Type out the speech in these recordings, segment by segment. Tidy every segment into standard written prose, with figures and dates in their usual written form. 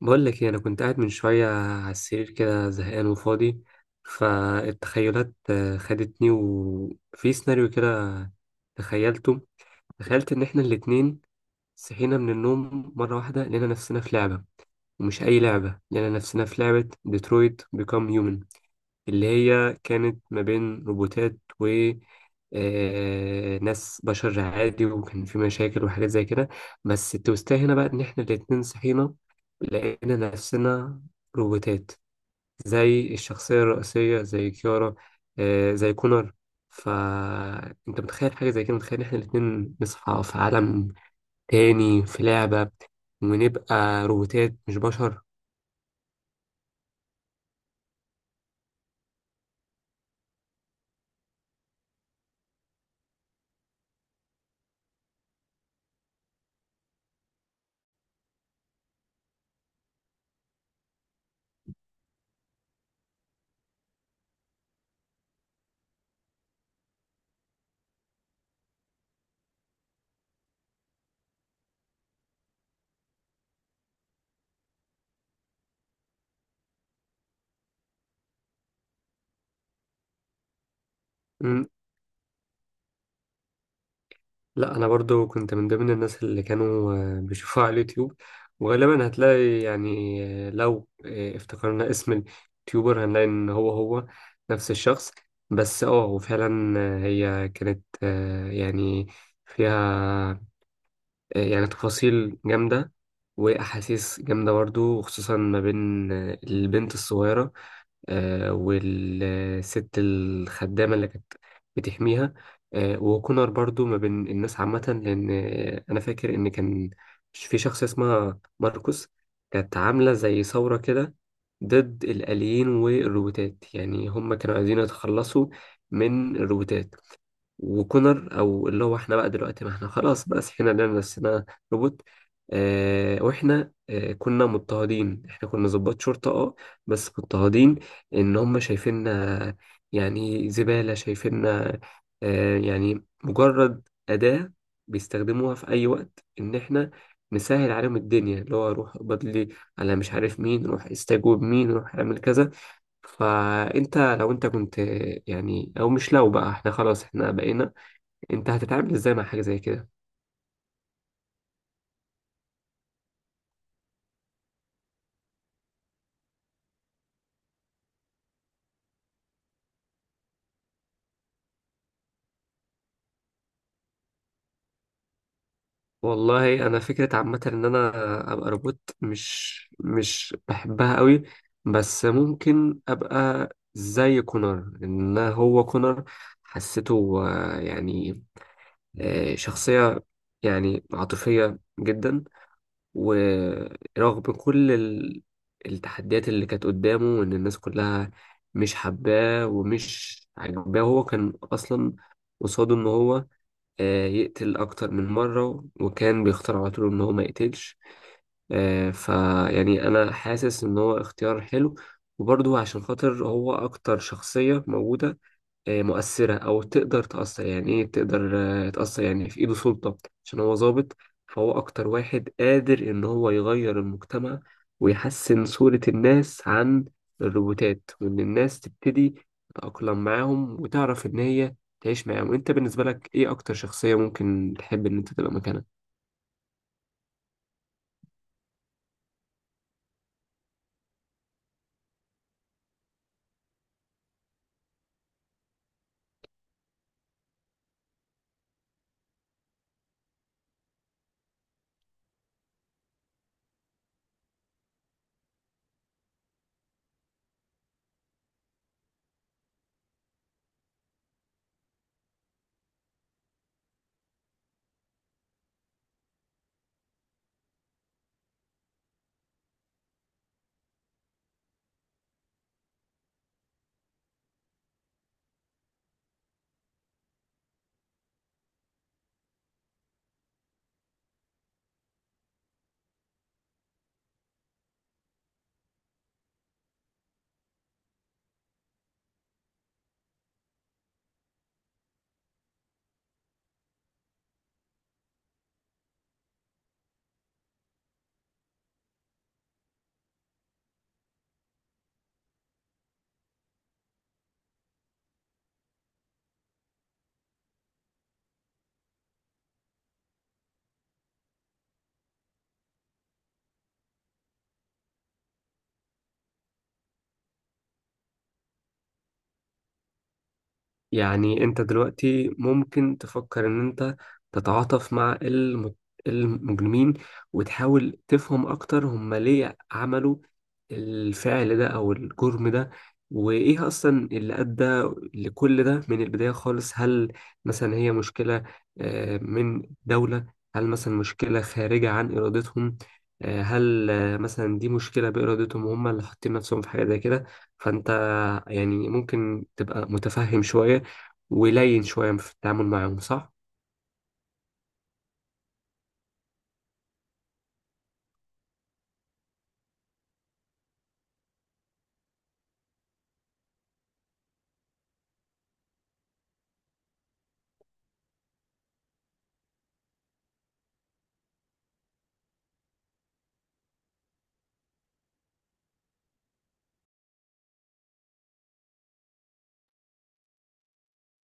بقول لك ايه، انا كنت قاعد من شويه على السرير كده زهقان وفاضي. فالتخيلات خدتني وفي سيناريو كده. تخيلته تخيلت ان احنا الاتنين صحينا من النوم مره واحده، لقينا نفسنا في لعبه. ومش اي لعبه، لقينا نفسنا في لعبه ديترويت بيكام هيومن، اللي هي كانت ما بين روبوتات و ناس بشر عادي. وكان في مشاكل وحاجات زي كده. بس التوستاه هنا بقى ان احنا الاتنين صحينا لقينا نفسنا روبوتات، زي الشخصية الرئيسية، زي كيارا، زي كونر. فانت متخيل حاجة زي كده؟ متخيل ان احنا الاتنين نصحى في عالم تاني في لعبة، ونبقى روبوتات مش بشر؟ لا انا برضو كنت من ضمن الناس اللي كانوا بيشوفوها على اليوتيوب. وغالبا هتلاقي يعني، لو افتكرنا اسم اليوتيوبر هنلاقي ان هو هو نفس الشخص. بس وفعلا هي كانت، يعني فيها يعني تفاصيل جامدة، واحاسيس جامدة برضو. وخصوصا ما بين البنت الصغيرة والست الخدامة اللي كانت بتحميها. وكونر برضو ما بين الناس عامة، لأن أنا فاكر إن كان في شخص اسمها ماركوس، كانت عاملة زي ثورة كده ضد الآليين والروبوتات. يعني هم كانوا عايزين يتخلصوا من الروبوتات. وكونر او اللي هو احنا بقى دلوقتي، ما احنا خلاص بقى صحينا لنا نفسنا روبوت. واحنا كنا مضطهدين، احنا كنا ضباط شرطة بس مضطهدين. ان هم شايفيننا يعني زبالة، شايفيننا يعني مجرد أداة بيستخدموها في أي وقت إن إحنا نسهل عليهم الدنيا، اللي هو روح اقبض لي على مش عارف مين، روح استجوب مين، روح اعمل كذا. فأنت لو أنت كنت، يعني، أو مش لو، بقى إحنا خلاص، إحنا بقينا، انت هتتعامل ازاي مع حاجه زي كده؟ والله انا فكره عامه ان انا ابقى روبوت مش بحبها قوي. بس ممكن ابقى زي كونر. ان هو كونر حسيته يعني شخصيه يعني عاطفيه جدا. ورغم كل التحديات اللي كانت قدامه، وان الناس كلها مش حباه ومش عاجباه، هو كان اصلا قصاده ان هو يقتل أكتر من مرة، وكان بيختار على طول إن هو ما يقتلش. فيعني أنا حاسس إن هو اختيار حلو. وبرضه عشان خاطر هو أكتر شخصية موجودة مؤثرة، أو تقدر تأثر، يعني إيه تقدر تأثر، يعني في إيده سلطة عشان هو ضابط. فهو أكتر واحد قادر إن هو يغير المجتمع، ويحسن صورة الناس عن الروبوتات، وإن الناس تبتدي تتأقلم معاهم وتعرف إن هي تعيش معاهم. أنت بالنسبة لك إيه أكتر شخصية ممكن تحب إن أنت تبقى مكانها؟ يعني انت دلوقتي ممكن تفكر ان انت تتعاطف مع المجرمين، وتحاول تفهم اكتر هم ليه عملوا الفعل ده او الجرم ده، وايه اصلا اللي ادى لكل ده من البداية خالص. هل مثلا هي مشكلة من دولة؟ هل مثلا مشكلة خارجة عن ارادتهم؟ هل مثلا دي مشكلة بإرادتهم، وهم اللي حاطين نفسهم في حاجة زي كده؟ فأنت يعني ممكن تبقى متفهم شوية ولين شوية في التعامل معاهم، صح؟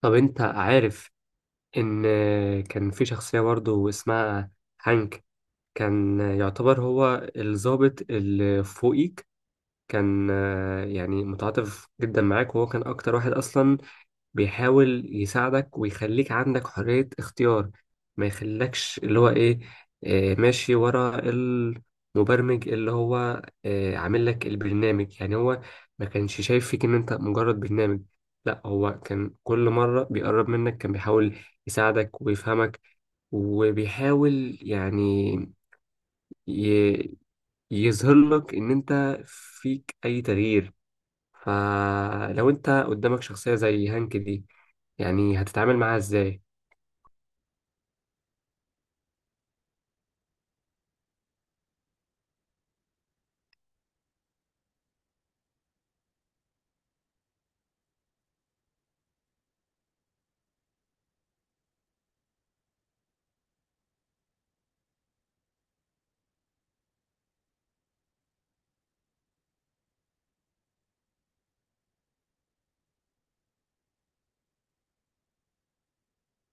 طب أنت عارف إن كان في شخصية برضه اسمها هانك؟ كان يعتبر هو الضابط اللي فوقيك. كان يعني متعاطف جدا معاك، وهو كان أكتر واحد أصلا بيحاول يساعدك ويخليك عندك حرية اختيار، ما يخليكش اللي هو ايه، ماشي ورا المبرمج اللي هو عامل لك البرنامج. يعني هو ما كانش شايف فيك ان انت مجرد برنامج. لا، هو كان كل مرة بيقرب منك كان بيحاول يساعدك ويفهمك، وبيحاول يعني ي- يظهر لك ان انت فيك اي تغيير. فلو انت قدامك شخصية زي هانك دي، يعني هتتعامل معاها ازاي؟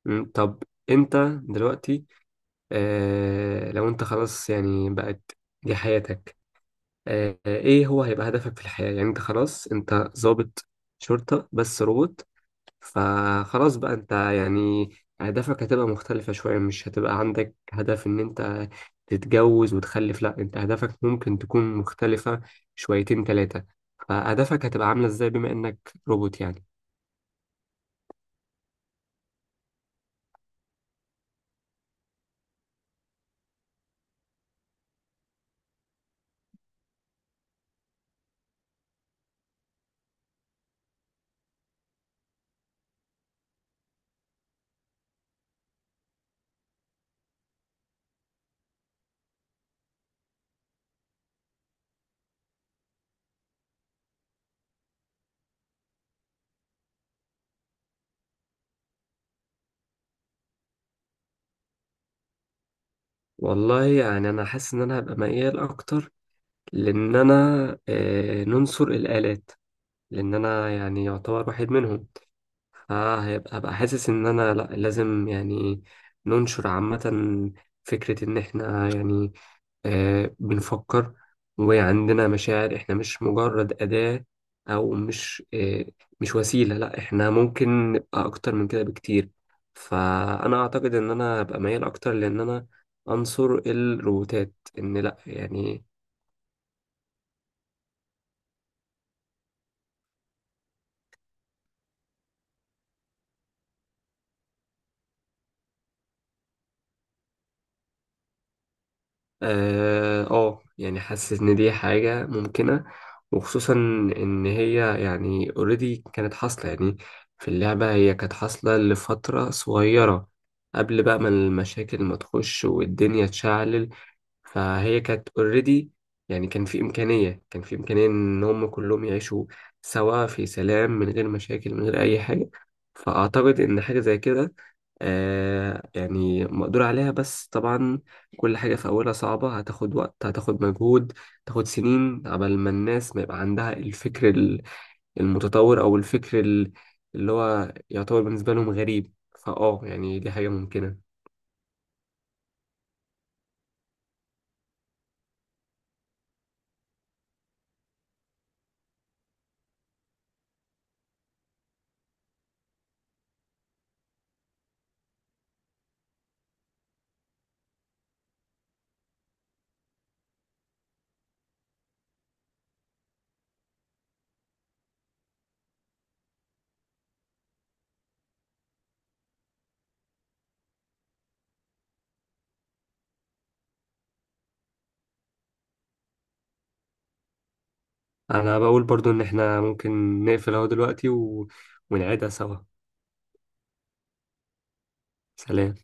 طب انت دلوقتي، لو انت خلاص يعني بقت دي حياتك، ايه هو هيبقى هدفك في الحياة؟ يعني انت خلاص انت ضابط شرطة بس روبوت، فخلاص بقى انت يعني اهدافك هتبقى مختلفة شوية. مش هتبقى عندك هدف ان انت تتجوز وتخلف. لا، انت اهدافك ممكن تكون مختلفة شويتين تلاتة. فاهدافك هتبقى عاملة ازاي بما انك روبوت يعني؟ والله يعني انا حاسس ان انا هبقى ميال اكتر لان انا ننصر الالات، لان انا يعني يعتبر واحد منهم. فهيبقى، حاسس ان انا لا، لازم يعني ننشر عامة فكرة ان احنا يعني بنفكر وعندنا مشاعر، احنا مش مجرد أداة أو مش مش وسيلة. لا، احنا ممكن نبقى أكتر من كده بكتير. فأنا أعتقد إن أنا أبقى ميال أكتر لأن أنا أنصر الروبوتات، إن لا يعني. اه، يعني حاسس ان دي حاجة ممكنة، وخصوصا ان هي يعني اوريدي كانت حاصلة، يعني في اللعبة هي كانت حاصلة لفترة صغيرة قبل بقى ما المشاكل ما تخش والدنيا تشعل. فهي كانت اوريدي يعني كان في إمكانية، كان في إمكانية إن هم كلهم يعيشوا سوا في سلام، من غير مشاكل، من غير أي حاجة. فأعتقد إن حاجة زي كده يعني مقدور عليها، بس طبعا كل حاجة في أولها صعبة. هتاخد وقت، هتاخد مجهود، تاخد سنين قبل ما الناس ما يبقى عندها الفكر المتطور، أو الفكر اللي هو يعتبر بالنسبة لهم غريب. يعني دي حاجة ممكنة. انا بقول برضو ان احنا ممكن نقفل اهو دلوقتي ونعيدها سوا. سلام.